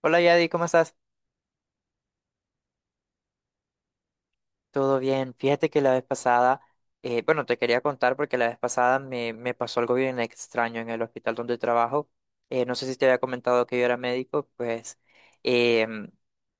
Hola Yadi, ¿cómo estás? Todo bien. Fíjate que la vez pasada, bueno, te quería contar porque la vez pasada me pasó algo bien extraño en el hospital donde trabajo. No sé si te había comentado que yo era médico, pues em,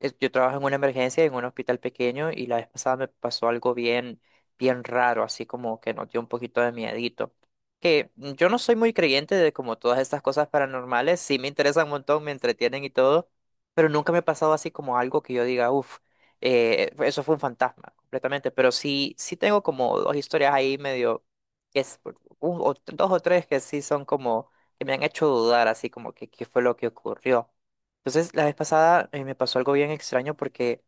yo trabajo en una emergencia en un hospital pequeño y la vez pasada me pasó algo bien, bien raro, así como que nos dio un poquito de miedito. Que yo no soy muy creyente de como todas estas cosas paranormales, sí me interesan un montón, me entretienen y todo, pero nunca me ha pasado así como algo que yo diga, uff. Eso fue un fantasma completamente, pero sí, sí tengo como dos historias ahí medio, que es, dos o tres que sí son como, que me han hecho dudar así como que qué fue lo que ocurrió. Entonces, la vez pasada me pasó algo bien extraño porque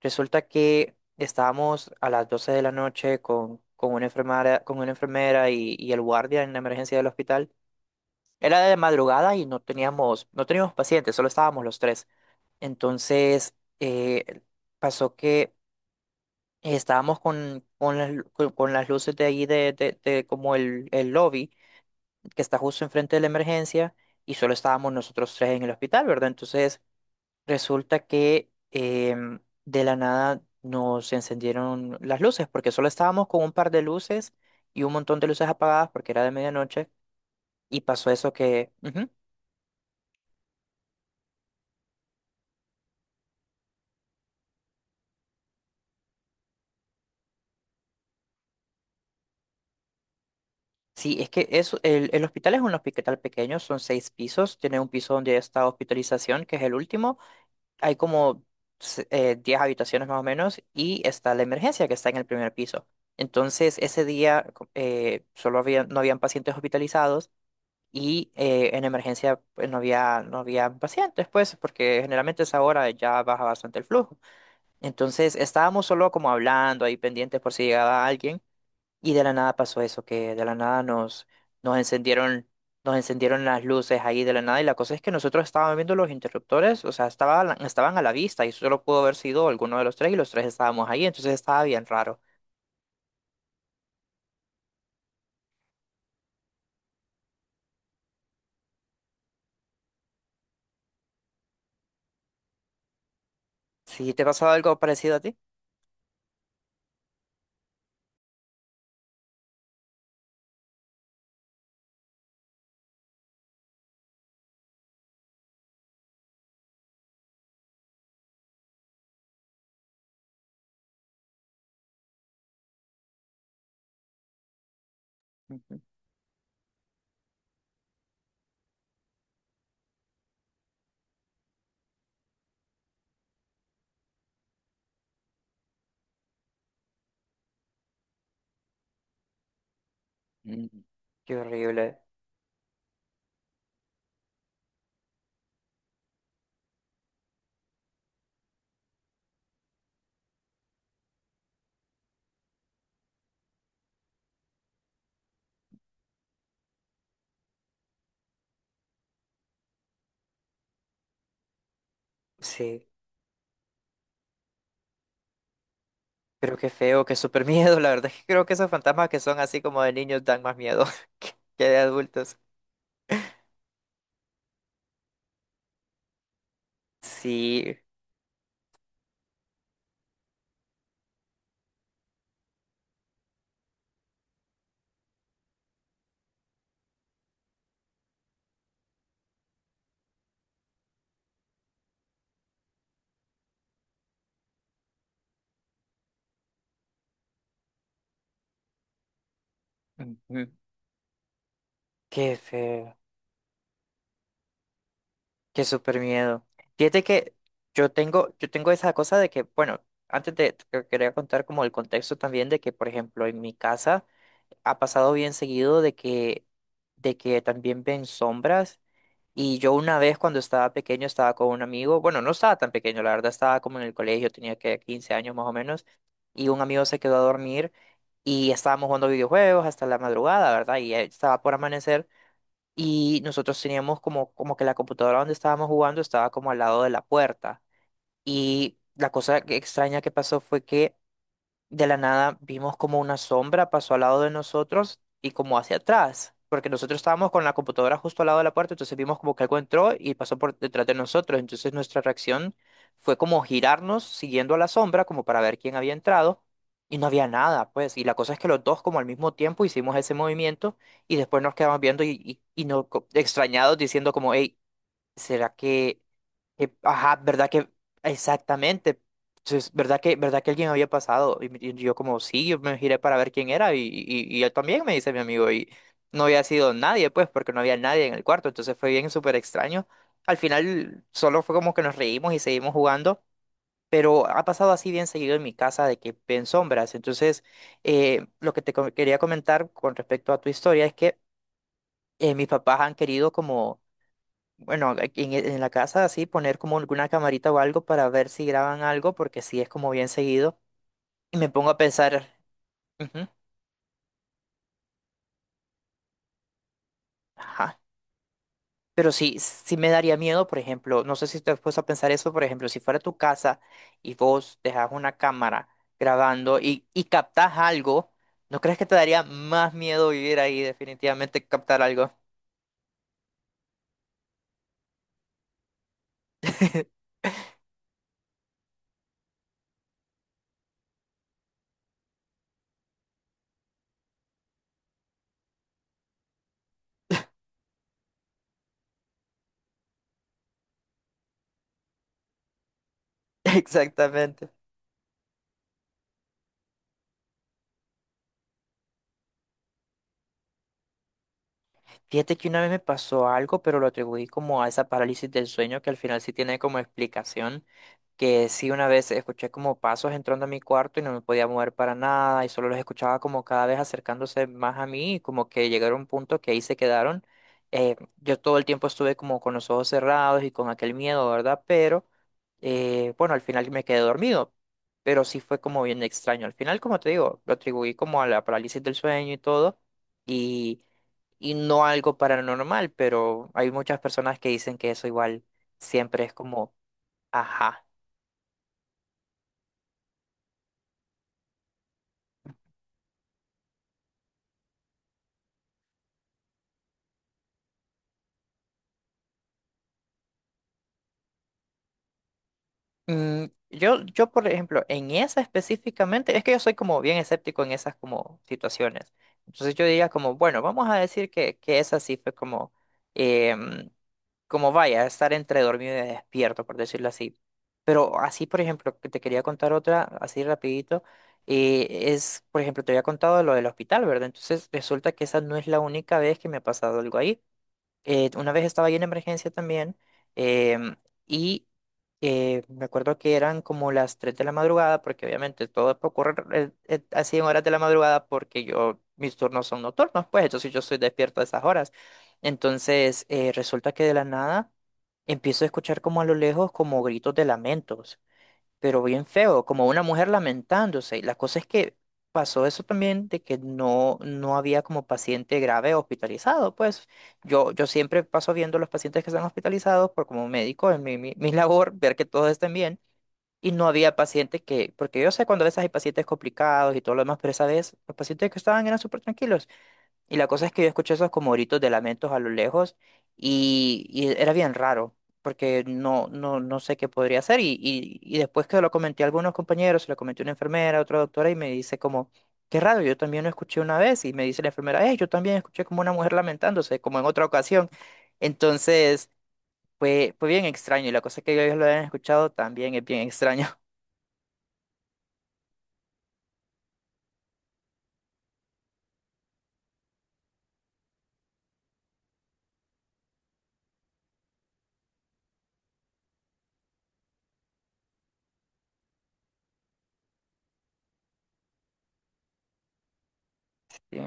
resulta que estábamos a las 12 de la noche con una enfermera y el guardia en la emergencia del hospital. Era de madrugada y no teníamos pacientes, solo estábamos los tres. Entonces, eh, pasó que estábamos con las luces de ahí de como el lobby que está justo enfrente de la emergencia y solo estábamos nosotros tres en el hospital, ¿verdad? Entonces resulta que de la nada nos encendieron las luces porque solo estábamos con un par de luces y un montón de luces apagadas porque era de medianoche y pasó eso que ujú. Sí, es que eso, el hospital es un hospital pequeño, son seis pisos, tiene un piso donde está hospitalización, que es el último. Hay como 10 habitaciones más o menos y está la emergencia, que está en el primer piso. Entonces, ese día solo había, no habían pacientes hospitalizados y en emergencia pues, no había pacientes, pues, porque generalmente a esa hora ya baja bastante el flujo. Entonces, estábamos solo como hablando ahí pendientes por si llegaba alguien. Y de la nada pasó eso, que de la nada nos encendieron, nos encendieron las luces ahí de la nada. Y la cosa es que nosotros estábamos viendo los interruptores, o sea, estaba, estaban a la vista y solo pudo haber sido alguno de los tres y los tres estábamos ahí, entonces estaba bien raro. ¿Sí te ha pasado algo parecido a ti? Ujú. Mm. Qué horrible. Sí, creo que feo, que súper miedo. La verdad es que creo que esos fantasmas que son así como de niños dan más miedo que de adultos. Sí. Ujú. Qué feo. Qué súper miedo. Fíjate que yo tengo esa cosa de que, bueno, antes de, te quería contar como el contexto también de que, por ejemplo, en mi casa ha pasado bien seguido de que también ven sombras. Y yo una vez cuando estaba pequeño estaba con un amigo, bueno, no estaba tan pequeño, la verdad, estaba como en el colegio, tenía que 15 años más o menos, y un amigo se quedó a dormir y estábamos jugando videojuegos hasta la madrugada, ¿verdad? Y ya estaba por amanecer y nosotros teníamos como que la computadora donde estábamos jugando estaba como al lado de la puerta. Y la cosa extraña que pasó fue que de la nada vimos como una sombra pasó al lado de nosotros y como hacia atrás, porque nosotros estábamos con la computadora justo al lado de la puerta, entonces vimos como que algo entró y pasó por detrás de nosotros, entonces nuestra reacción fue como girarnos siguiendo a la sombra como para ver quién había entrado y no había nada, pues, y la cosa es que los dos como al mismo tiempo hicimos ese movimiento y después nos quedamos viendo y no, extrañados diciendo como, hey, ¿será que, ajá, verdad que, exactamente, entonces, verdad que, alguien había pasado? Y, y yo como, sí, yo me giré para ver quién era y él también me dice mi amigo y no había sido nadie, pues, porque no había nadie en el cuarto, entonces fue bien súper extraño. Al final solo fue como que nos reímos y seguimos jugando, pero ha pasado así bien seguido en mi casa de que ven sombras. Entonces, lo que quería comentar con respecto a tu historia es que mis papás han querido como bueno, aquí en la casa así poner como alguna camarita o algo para ver si graban algo, porque sí es como bien seguido. Y me pongo a pensar, ujú, ajá. Pero sí, sí me daría miedo, por ejemplo, no sé si te has puesto a pensar eso, por ejemplo, si fuera tu casa y vos dejas una cámara grabando y captás algo, ¿no crees que te daría más miedo vivir ahí definitivamente que captar algo? Exactamente. Fíjate que una vez me pasó algo, pero lo atribuí como a esa parálisis del sueño que al final sí tiene como explicación, que sí una vez escuché como pasos entrando a mi cuarto y no me podía mover para nada y solo los escuchaba como cada vez acercándose más a mí y como que llegaron a un punto que ahí se quedaron. Yo todo el tiempo estuve como con los ojos cerrados y con aquel miedo, ¿verdad? Pero bueno, al final me quedé dormido, pero sí fue como bien extraño. Al final, como te digo, lo atribuí como a la parálisis del sueño y todo y, no algo paranormal, pero hay muchas personas que dicen que eso igual siempre es como, ajá. Mm, yo, por ejemplo, en esa específicamente, es que yo soy como bien escéptico en esas como situaciones. Entonces yo diría como, bueno, vamos a decir que esa sí fue como, em, como vaya, estar entre dormido y despierto, por decirlo así. Pero así, por ejemplo, que te quería contar otra, así rapidito, eh, es, por ejemplo, te había contado lo del hospital, ¿verdad? Entonces resulta que esa no es la única vez que me ha pasado algo ahí. Una vez estaba yo en emergencia también, em, y me acuerdo que eran como las 3 de la madrugada, porque obviamente todo ocurre así en horas de la madrugada porque yo, mis turnos son nocturnos, pues entonces yo estoy despierto a esas horas. Entonces resulta que de la nada empiezo a escuchar como a lo lejos como gritos de lamentos pero bien feo, como una mujer lamentándose. Y la cosa es que pasó eso también de que no, no había como paciente grave hospitalizado. Pues yo siempre paso viendo los pacientes que están hospitalizados por como médico en mi labor, ver que todos estén bien. Y no había pacientes que, porque yo sé cuando a veces hay pacientes complicados y todo lo demás, pero esa vez los pacientes que estaban eran súper tranquilos. Y la cosa es que yo escuché esos como gritos de lamentos a lo lejos y era bien raro, porque no, no, no sé qué podría ser. Y después que lo comenté a algunos compañeros, se lo comenté a una enfermera, a otra doctora, y me dice como, qué raro, yo también lo escuché una vez. Y me dice la enfermera, yo también escuché como una mujer lamentándose, como en otra ocasión. Entonces, fue bien extraño. Y la cosa es que ellos lo hayan escuchado también es bien extraño. Sí,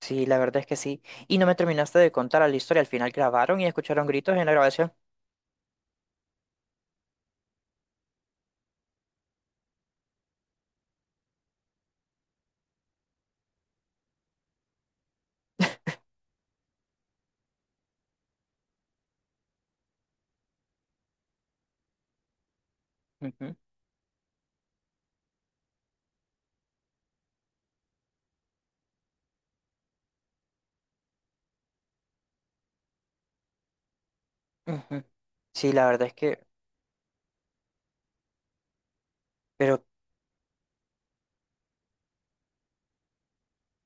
Sí, la verdad es que sí. Y no me terminaste de contar la historia. Al final grabaron y escucharon gritos en la grabación. Ujú. Ujú. Sí, la verdad es que, pero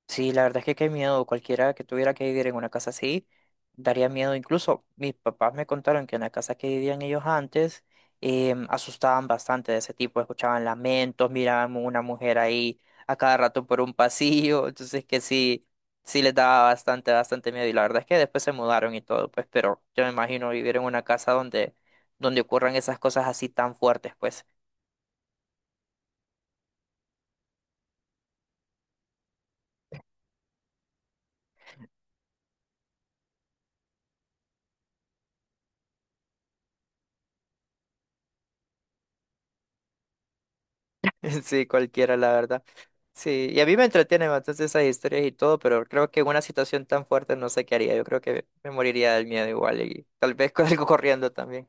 sí, la verdad es que qué miedo, cualquiera que tuviera que vivir en una casa así, daría miedo. Incluso mis papás me contaron que en la casa que vivían ellos antes, asustaban bastante de ese tipo, escuchaban lamentos, miraban una mujer ahí a cada rato por un pasillo, entonces que sí, sí les daba bastante, bastante miedo. Y la verdad es que después se mudaron y todo, pues, pero yo me imagino vivir en una casa donde ocurran esas cosas así tan fuertes, pues. Sí, cualquiera, la verdad. Sí, y a mí me entretienen bastante esas historias y todo, pero creo que en una situación tan fuerte no sé qué haría. Yo creo que me moriría del miedo igual y tal vez con algo corriendo también.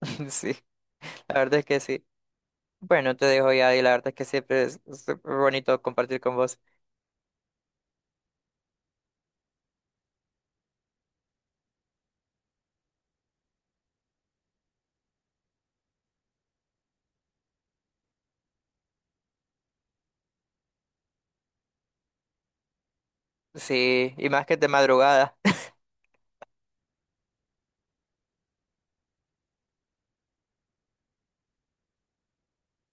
Sí, la verdad es que sí. Bueno, te dejo ya y la verdad es que siempre es súper bonito compartir con vos. Sí, y más que de madrugada.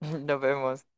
Nos vemos.